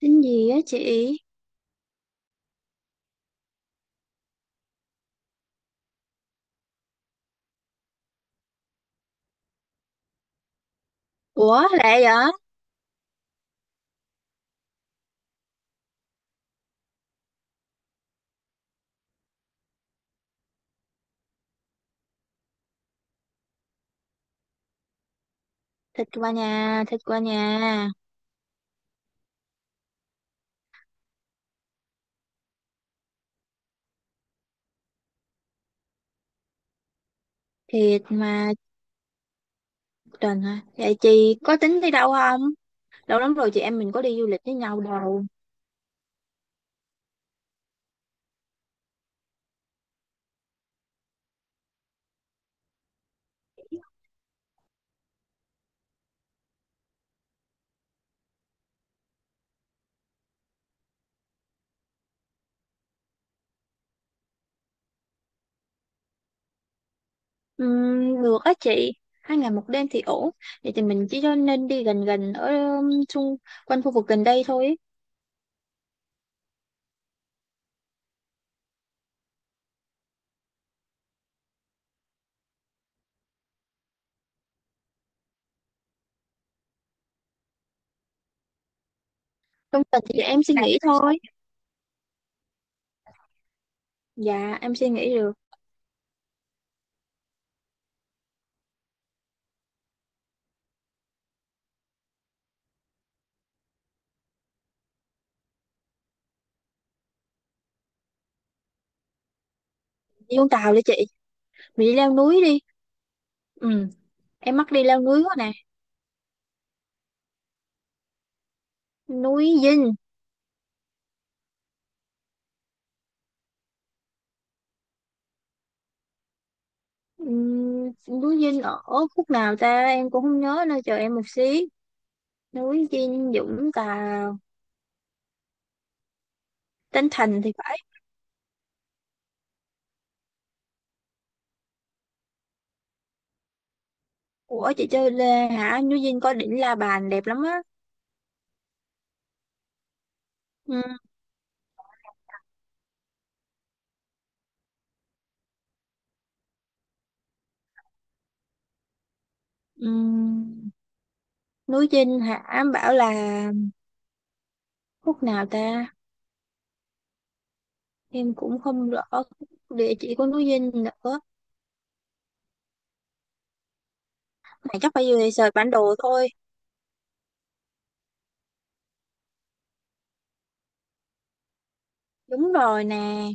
Tính gì á chị? Ủa lẹ vậy? Thịt qua nhà, thịt qua nhà. Thiệt mà. Trần hả? Vậy chị có tính đi đâu không? Lâu lắm rồi chị em mình có đi du lịch với nhau đâu. Được á chị. Hai ngày một đêm thì ổn. Vậy thì mình chỉ cho nên đi gần gần ở xung quanh khu vực gần đây thôi. Trong tuần thì em suy nghĩ thôi. Dạ em suy nghĩ được. Đi Vũng Tàu đi chị. Mình đi leo núi đi. Ừ, em mắc đi leo núi quá nè. Núi Dinh. Núi Dinh ở khúc nào ta em cũng không nhớ nên chờ em một xí. Núi Dinh Dũng Tàu. Tân Thành thì phải. Của chị chơi Lê hả, núi Dinh có đỉnh La Bàn đẹp lắm á. Ừm, ừm, Núi Dinh hả, em bảo là khúc nào ta, em cũng không rõ địa chỉ của núi Dinh nữa, mà chắc phải về search bản đồ thôi. Đúng rồi nè.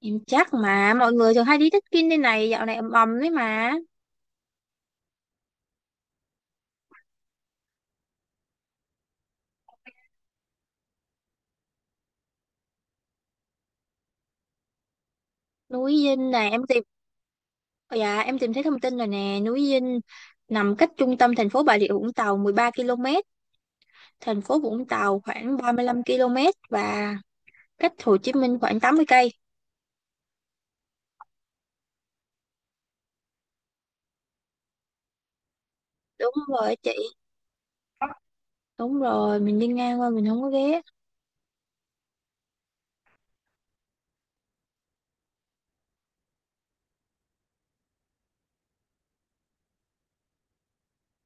Em chắc mà, mọi người thường hay đi trekking đây này, dạo này ầm ầm đấy mà. Núi Dinh này em tìm. Ờ, dạ, em tìm thấy thông tin rồi nè, núi Dinh nằm cách trung tâm thành phố Bà Rịa Vũng Tàu 13 km, thành phố Vũng Tàu khoảng 35 km, và cách Hồ Chí Minh khoảng 80 cây. Đúng rồi chị, đúng rồi, mình đi ngang qua mình không có ghé.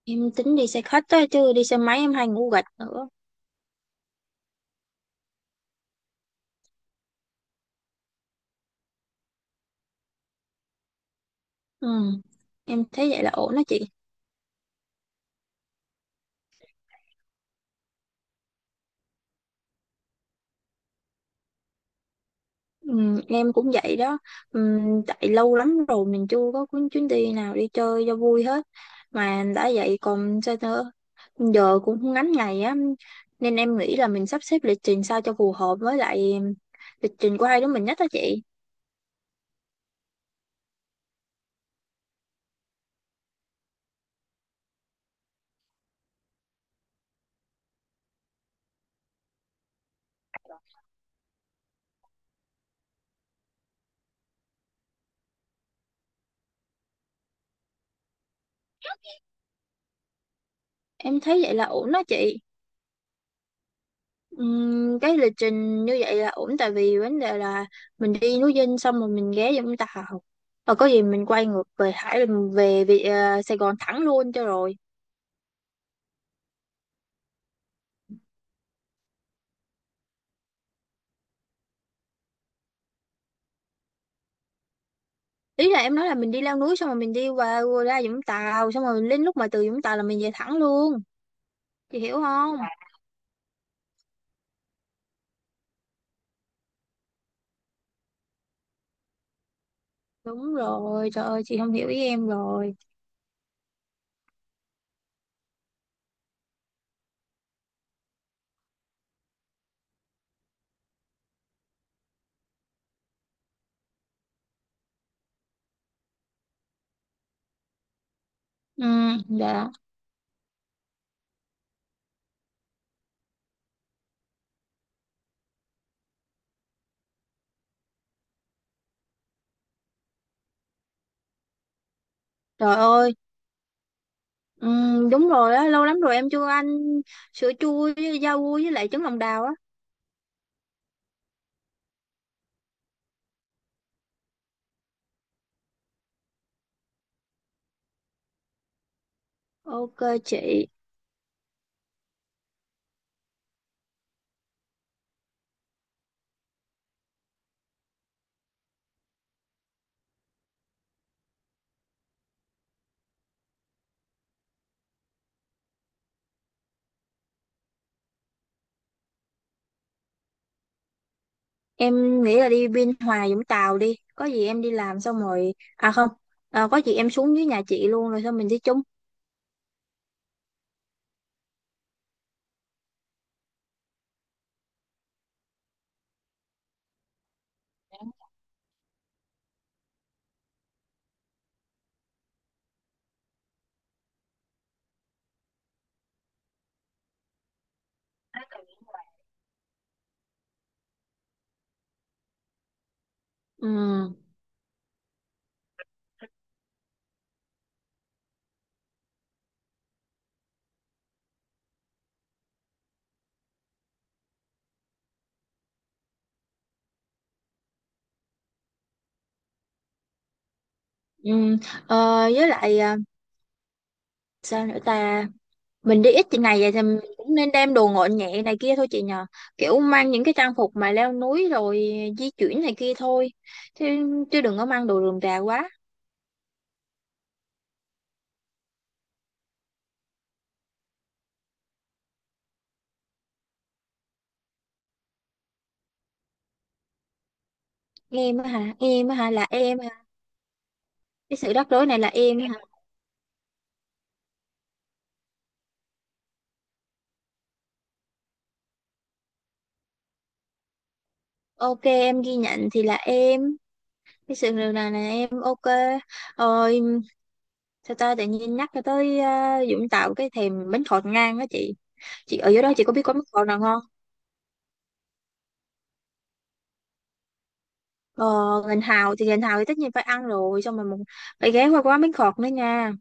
Em tính đi xe khách đó, chứ đi xe máy em hay ngủ gật nữa. Ừ. Em thấy vậy là ổn đó chị. Ừ, em cũng vậy đó. Ừ, tại lâu lắm rồi mình chưa có cuốn chuyến đi nào đi chơi cho vui hết. Mà đã vậy còn sao nữa, giờ cũng không ngắn ngày á, nên em nghĩ là mình sắp xếp lịch trình sao cho phù hợp với lại lịch trình của hai đứa mình nhất đó chị. Em thấy vậy là ổn đó chị. Cái lịch trình như vậy là ổn, tại vì vấn đề là mình đi núi Dinh xong rồi mình ghé Vũng Tàu, và có gì mình quay ngược về Hải mình về, Sài Gòn thẳng luôn cho rồi. Ý là em nói là mình đi leo núi xong rồi mình đi qua ra Vũng Tàu, xong rồi đến lúc mà từ Vũng Tàu là mình về thẳng luôn, chị hiểu không? Đúng rồi, trời ơi chị không hiểu ý em rồi. Ừ. Dạ. Trời ơi, đúng rồi á, lâu lắm rồi em chưa ăn sữa chua với rau vui với lại trứng lòng đào á. Ok chị, em nghĩ là đi Biên Hòa Vũng Tàu đi, có gì em đi làm xong rồi, à không, à, có gì em xuống dưới nhà chị luôn rồi xong mình đi chung. Ừ, ừ. Ờ, với lại à, sao nữa ta, mình đi ít ngày vậy thì mình cũng nên đem đồ gọn nhẹ này kia thôi chị nhờ, kiểu mang những cái trang phục mà leo núi rồi di chuyển này kia thôi, chứ, chứ đừng có mang đồ rườm rà quá. Em á hả, em á hả, là em hả? Cái sự rắc rối này là em hả? Ok em ghi nhận, thì là em. Cái sự điều này là em, ok. Rồi sao ta tự nhiên nhắc cho tới Dũng Tàu cái thèm bánh khọt ngang á chị. Chị ở dưới đó chị có biết có bánh khọt nào ngon? ờ, Ngành Hào thì, Ngành Hào thì tất nhiên phải ăn rồi, xong rồi mình phải ghé qua quán bánh khọt nữa nha.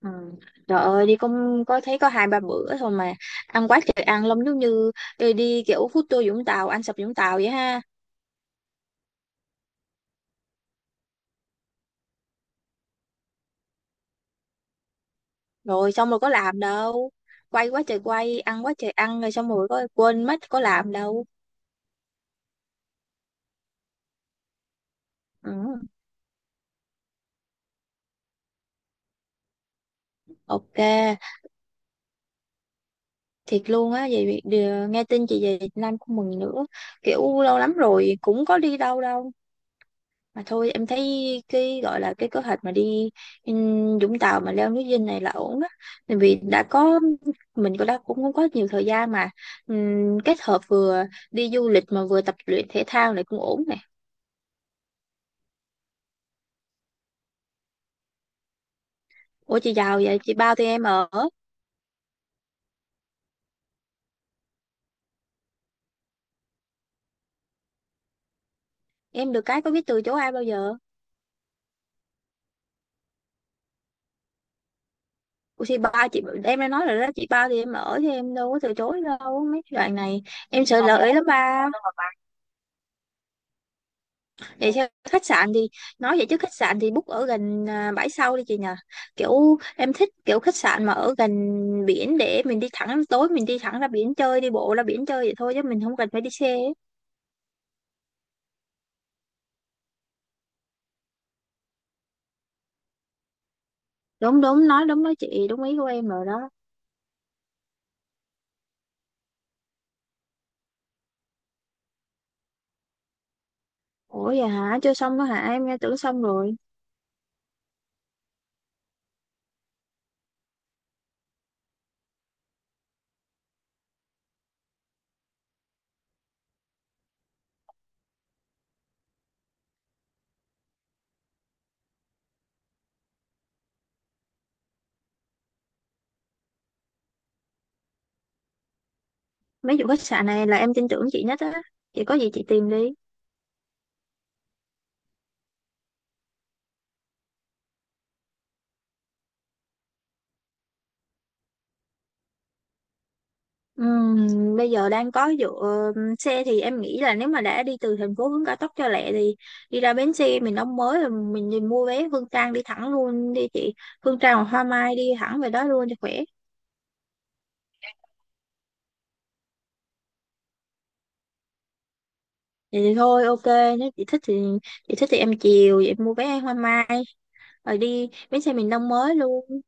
Ừ. Trời ơi đi cũng có thấy có hai ba bữa thôi mà ăn quá trời ăn lắm, giống như đi, đi kiểu food tour Vũng Tàu, ăn sập Vũng Tàu vậy ha. Rồi xong rồi có làm đâu, quay quá trời quay, ăn quá trời ăn, rồi xong rồi có quên mất có làm đâu. Ừ. Ok. Thiệt luôn á, vậy nghe tin chị về Việt Nam cũng mừng nữa, kiểu lâu lắm rồi cũng có đi đâu đâu. Mà thôi em thấy cái gọi là cái kế hoạch mà đi Vũng Tàu mà leo núi Dinh này là ổn á, tại vì đã có, mình cũng đã cũng không có nhiều thời gian mà. Kết hợp vừa đi du lịch mà vừa tập luyện thể thao này cũng ổn nè. Ủa chị giàu vậy, chị bao tụi em ở? Em được cái có biết từ chối ai bao giờ. Ủa thì ba chị em đã nói rồi đó chị, ba thì em ở thì em đâu có từ chối đâu mấy cái đoạn này. Em sợ lỡ ý lắm ba. Vậy sao khách sạn thì, nói vậy chứ khách sạn thì book ở gần bãi sau đi chị nhờ, kiểu em thích kiểu khách sạn mà ở gần biển để mình đi thẳng, tối mình đi thẳng ra biển chơi, đi bộ ra biển chơi vậy thôi chứ mình không cần phải đi xe ấy. Đúng đúng, nói đúng đó chị, đúng ý của em rồi đó. Ủa vậy hả, chưa xong đó hả? Em nghe tưởng xong rồi. Mấy vụ khách sạn này là em tin tưởng chị nhất á, chị có gì chị tìm đi. Ừm, Bây giờ đang có dựa, xe thì em nghĩ là nếu mà đã đi từ thành phố hướng cao tốc cho lẹ thì đi ra bến xe mình đóng mới rồi mình đi mua vé Phương Trang đi thẳng luôn đi chị. Phương Trang hoặc Hoa Mai đi thẳng về đó luôn cho khỏe. Vậy thì thôi ok, nếu chị thích thì, chị thích thì em chiều, vậy em mua vé Hoa Mai rồi đi bến xe miền Đông mới luôn.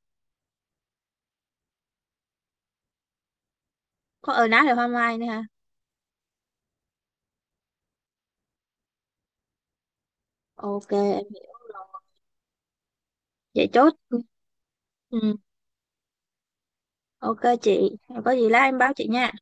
Có ở ná là Hoa Mai nữa ha? Ok em hiểu. Rồi vậy chốt. Ừ, ok chị, có gì lát em báo chị nha.